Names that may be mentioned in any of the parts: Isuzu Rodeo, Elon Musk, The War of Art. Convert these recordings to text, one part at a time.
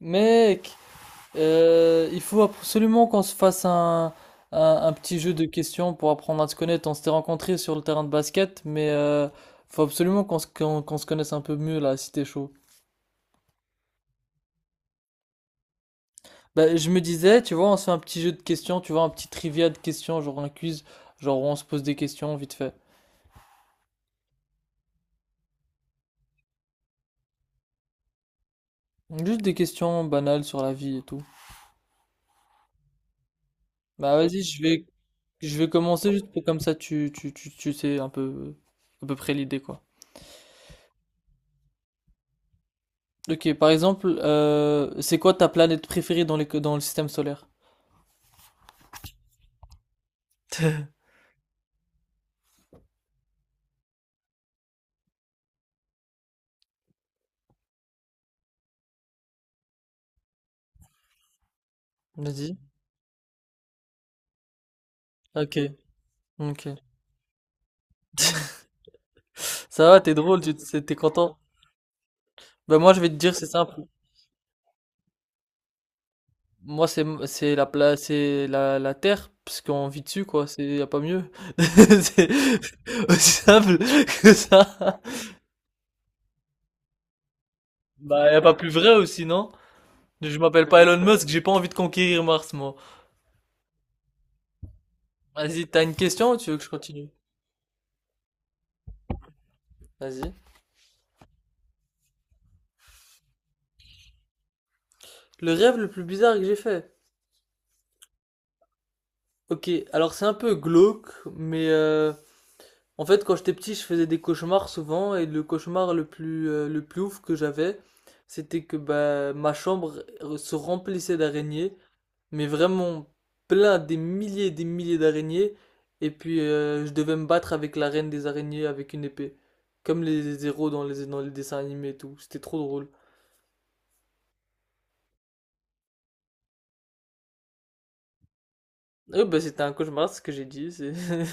Mec, il faut absolument qu'on se fasse un petit jeu de questions pour apprendre à se connaître. On s'était rencontrés sur le terrain de basket, mais faut absolument qu'on se connaisse un peu mieux là, si t'es chaud. Bah, je me disais, tu vois, on se fait un petit jeu de questions, tu vois, un petit trivia de questions, genre un quiz, genre où on se pose des questions vite fait. Juste des questions banales sur la vie et tout. Bah vas-y, je vais commencer juste pour comme ça tu sais un peu, à peu près l'idée quoi. Ok, par exemple, c'est quoi ta planète préférée dans dans le système solaire? Vas-y. Ok, ok. Ça va, t'es drôle, tu t'es t'es content. Ben moi, je vais te dire, c'est simple. Moi, c'est la c'est la Terre, parce qu'on vit dessus, quoi. C'est y a pas mieux. C'est aussi simple que ça. Bah, y a pas plus vrai aussi, non? Je m'appelle pas Elon Musk, j'ai pas envie de conquérir Mars, moi. Vas-y, t'as une question ou tu veux que je continue? Vas-y. Le rêve le plus bizarre que j'ai fait. Ok, alors c'est un peu glauque, mais en fait quand j'étais petit je faisais des cauchemars souvent et le cauchemar le plus ouf que j'avais c'était que bah, ma chambre se remplissait d'araignées, mais vraiment plein des milliers et des milliers d'araignées et puis je devais me battre avec la reine des araignées avec une épée, comme les héros dans dans les dessins animés et tout, c'était trop drôle. Oui bah c'était un cauchemar c'est ce que j'ai dit, je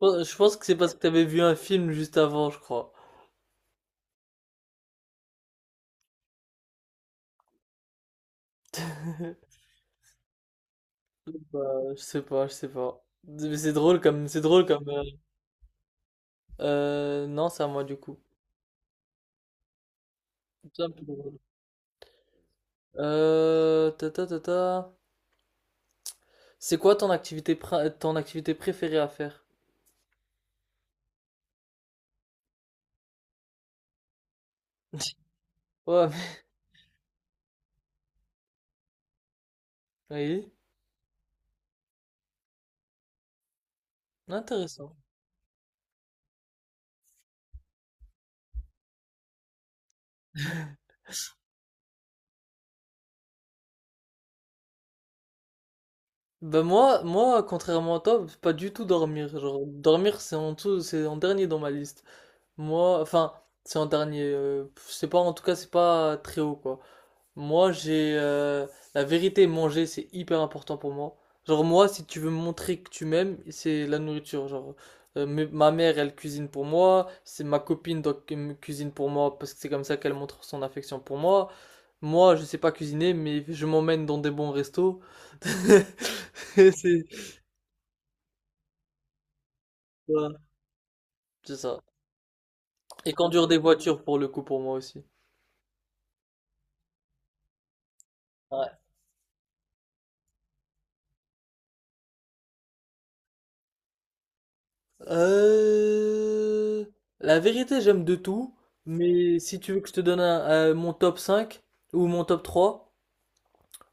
je pense que c'est parce que t'avais vu un film juste avant je crois. Bah, je sais pas, je sais pas. Mais c'est drôle comme, c'est drôle comme. Non, c'est à moi du coup. C'est un peu drôle. Ta ta ta ta. C'est quoi ton activité préférée à faire? Ouais, mais- oui, intéressant. Bah moi, contrairement à toi, pas du tout dormir. Genre, dormir, c'est en dernier dans ma liste. Moi, enfin, c'est en dernier. C'est pas, en tout cas, c'est pas très haut, quoi. Moi, j'ai la vérité, manger, c'est hyper important pour moi. Genre moi, si tu veux me montrer que tu m'aimes, c'est la nourriture. Genre ma mère, elle cuisine pour moi, c'est ma copine donc elle me cuisine pour moi parce que c'est comme ça qu'elle montre son affection pour moi. Moi, je sais pas cuisiner, mais je m'emmène dans des bons restos. C'est voilà, c'est ça. Et conduire des voitures pour le coup pour moi aussi. Ouais. Euh, la vérité, j'aime de tout, mais si tu veux que je te donne mon top 5 ou mon top 3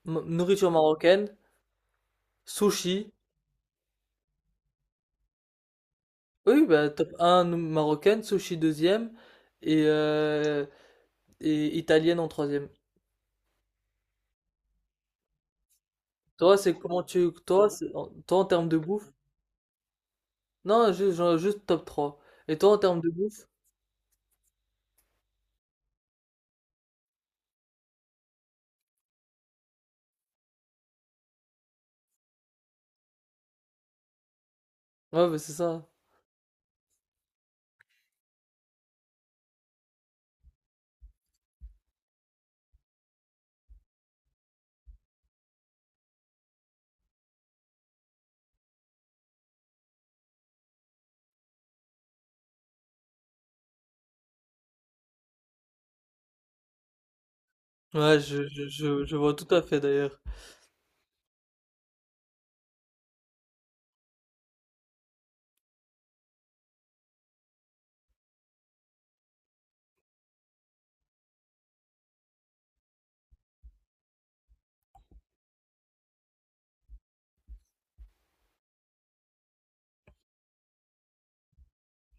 nourriture marocaine, sushi, oui, bah, top 1 marocaine, sushi deuxième et, euh, et italienne en troisième. Toi, c'est comment tu... toi, en termes de bouffe? Non, juste, genre, juste top 3. Et toi, en termes de bouffe? Ouais, bah, c'est ça. Ouais, je vois tout à fait d'ailleurs.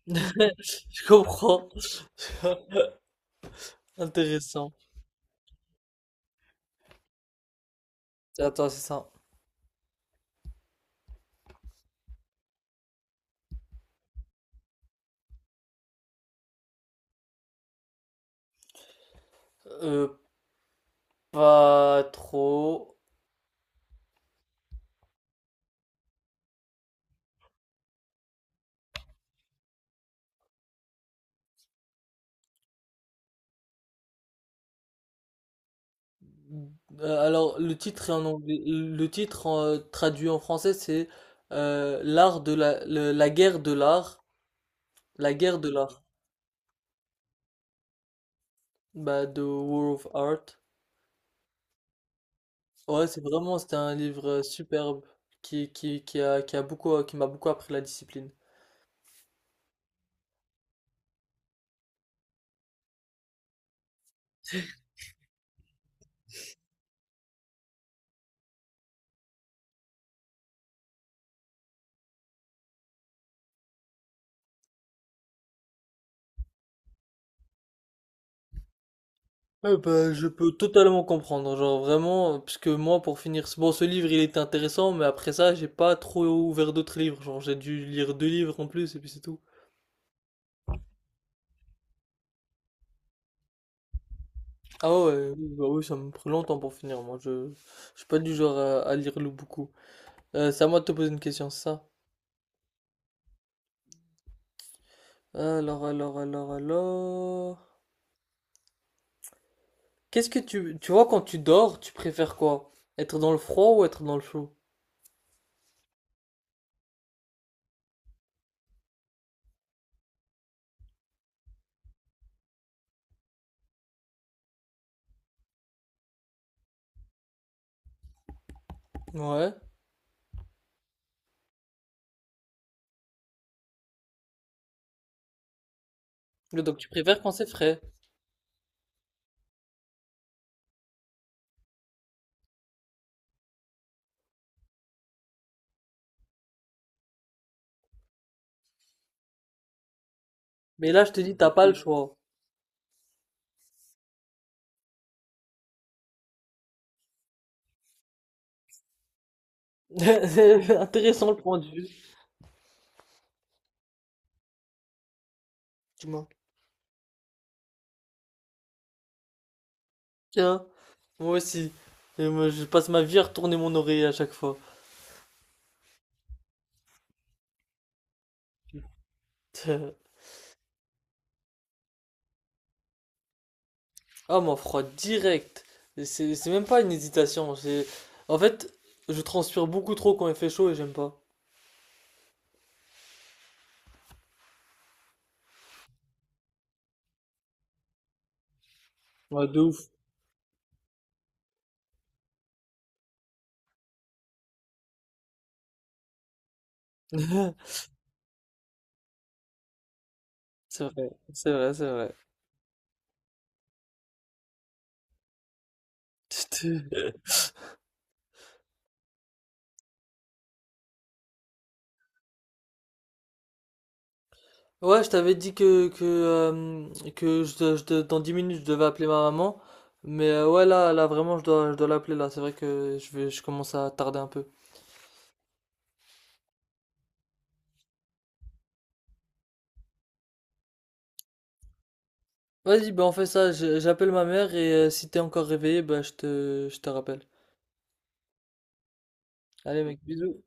Je comprends. Intéressant. Attends, c'est ça. Euh, pas trop. Alors, le titre est en anglais. Le titre traduit en français, c'est l'art de la, le- la guerre de l'art. La guerre de l'art. Bah, The War of Art. Ouais, c'est vraiment, c'était un livre superbe qui a beaucoup, qui m'a beaucoup appris la discipline. Bah, je peux totalement comprendre, genre vraiment, parce que moi, pour finir, bon, ce livre, il était intéressant, mais après ça, j'ai pas trop ouvert d'autres livres, genre j'ai dû lire deux livres en plus, et puis c'est tout. Ah ouais, oui, bah oui, ça me prend longtemps pour finir. Je suis pas du genre à lire le beaucoup. C'est à moi de te poser une question, c'est ça. Alors, alors. Qu'est-ce que tu vois, quand tu dors, tu préfères quoi? Être dans le froid ou être dans le chaud? Ouais. Donc, tu préfères quand c'est frais. Mais là, je te dis, t'as pas le choix. C'est intéressant le point de vue. Dis-moi. Tiens, moi aussi. Et moi, je passe ma vie à retourner mon oreiller à chaque fois. Ah, mon froid direct. C'est même pas une hésitation. C'est... En fait, je transpire beaucoup trop quand il fait chaud et j'aime pas. Ouais, de ouf. C'est vrai, c'est vrai, c'est vrai. Ouais, je t'avais dit que je dois, dans 10 minutes je devais appeler ma maman. Mais ouais, là vraiment, je dois l'appeler là. C'est vrai que je commence à tarder un peu. Vas-y, ben on fait ça. J'appelle ma mère et si t'es encore réveillé, bah je te rappelle. Allez, mec, bisous.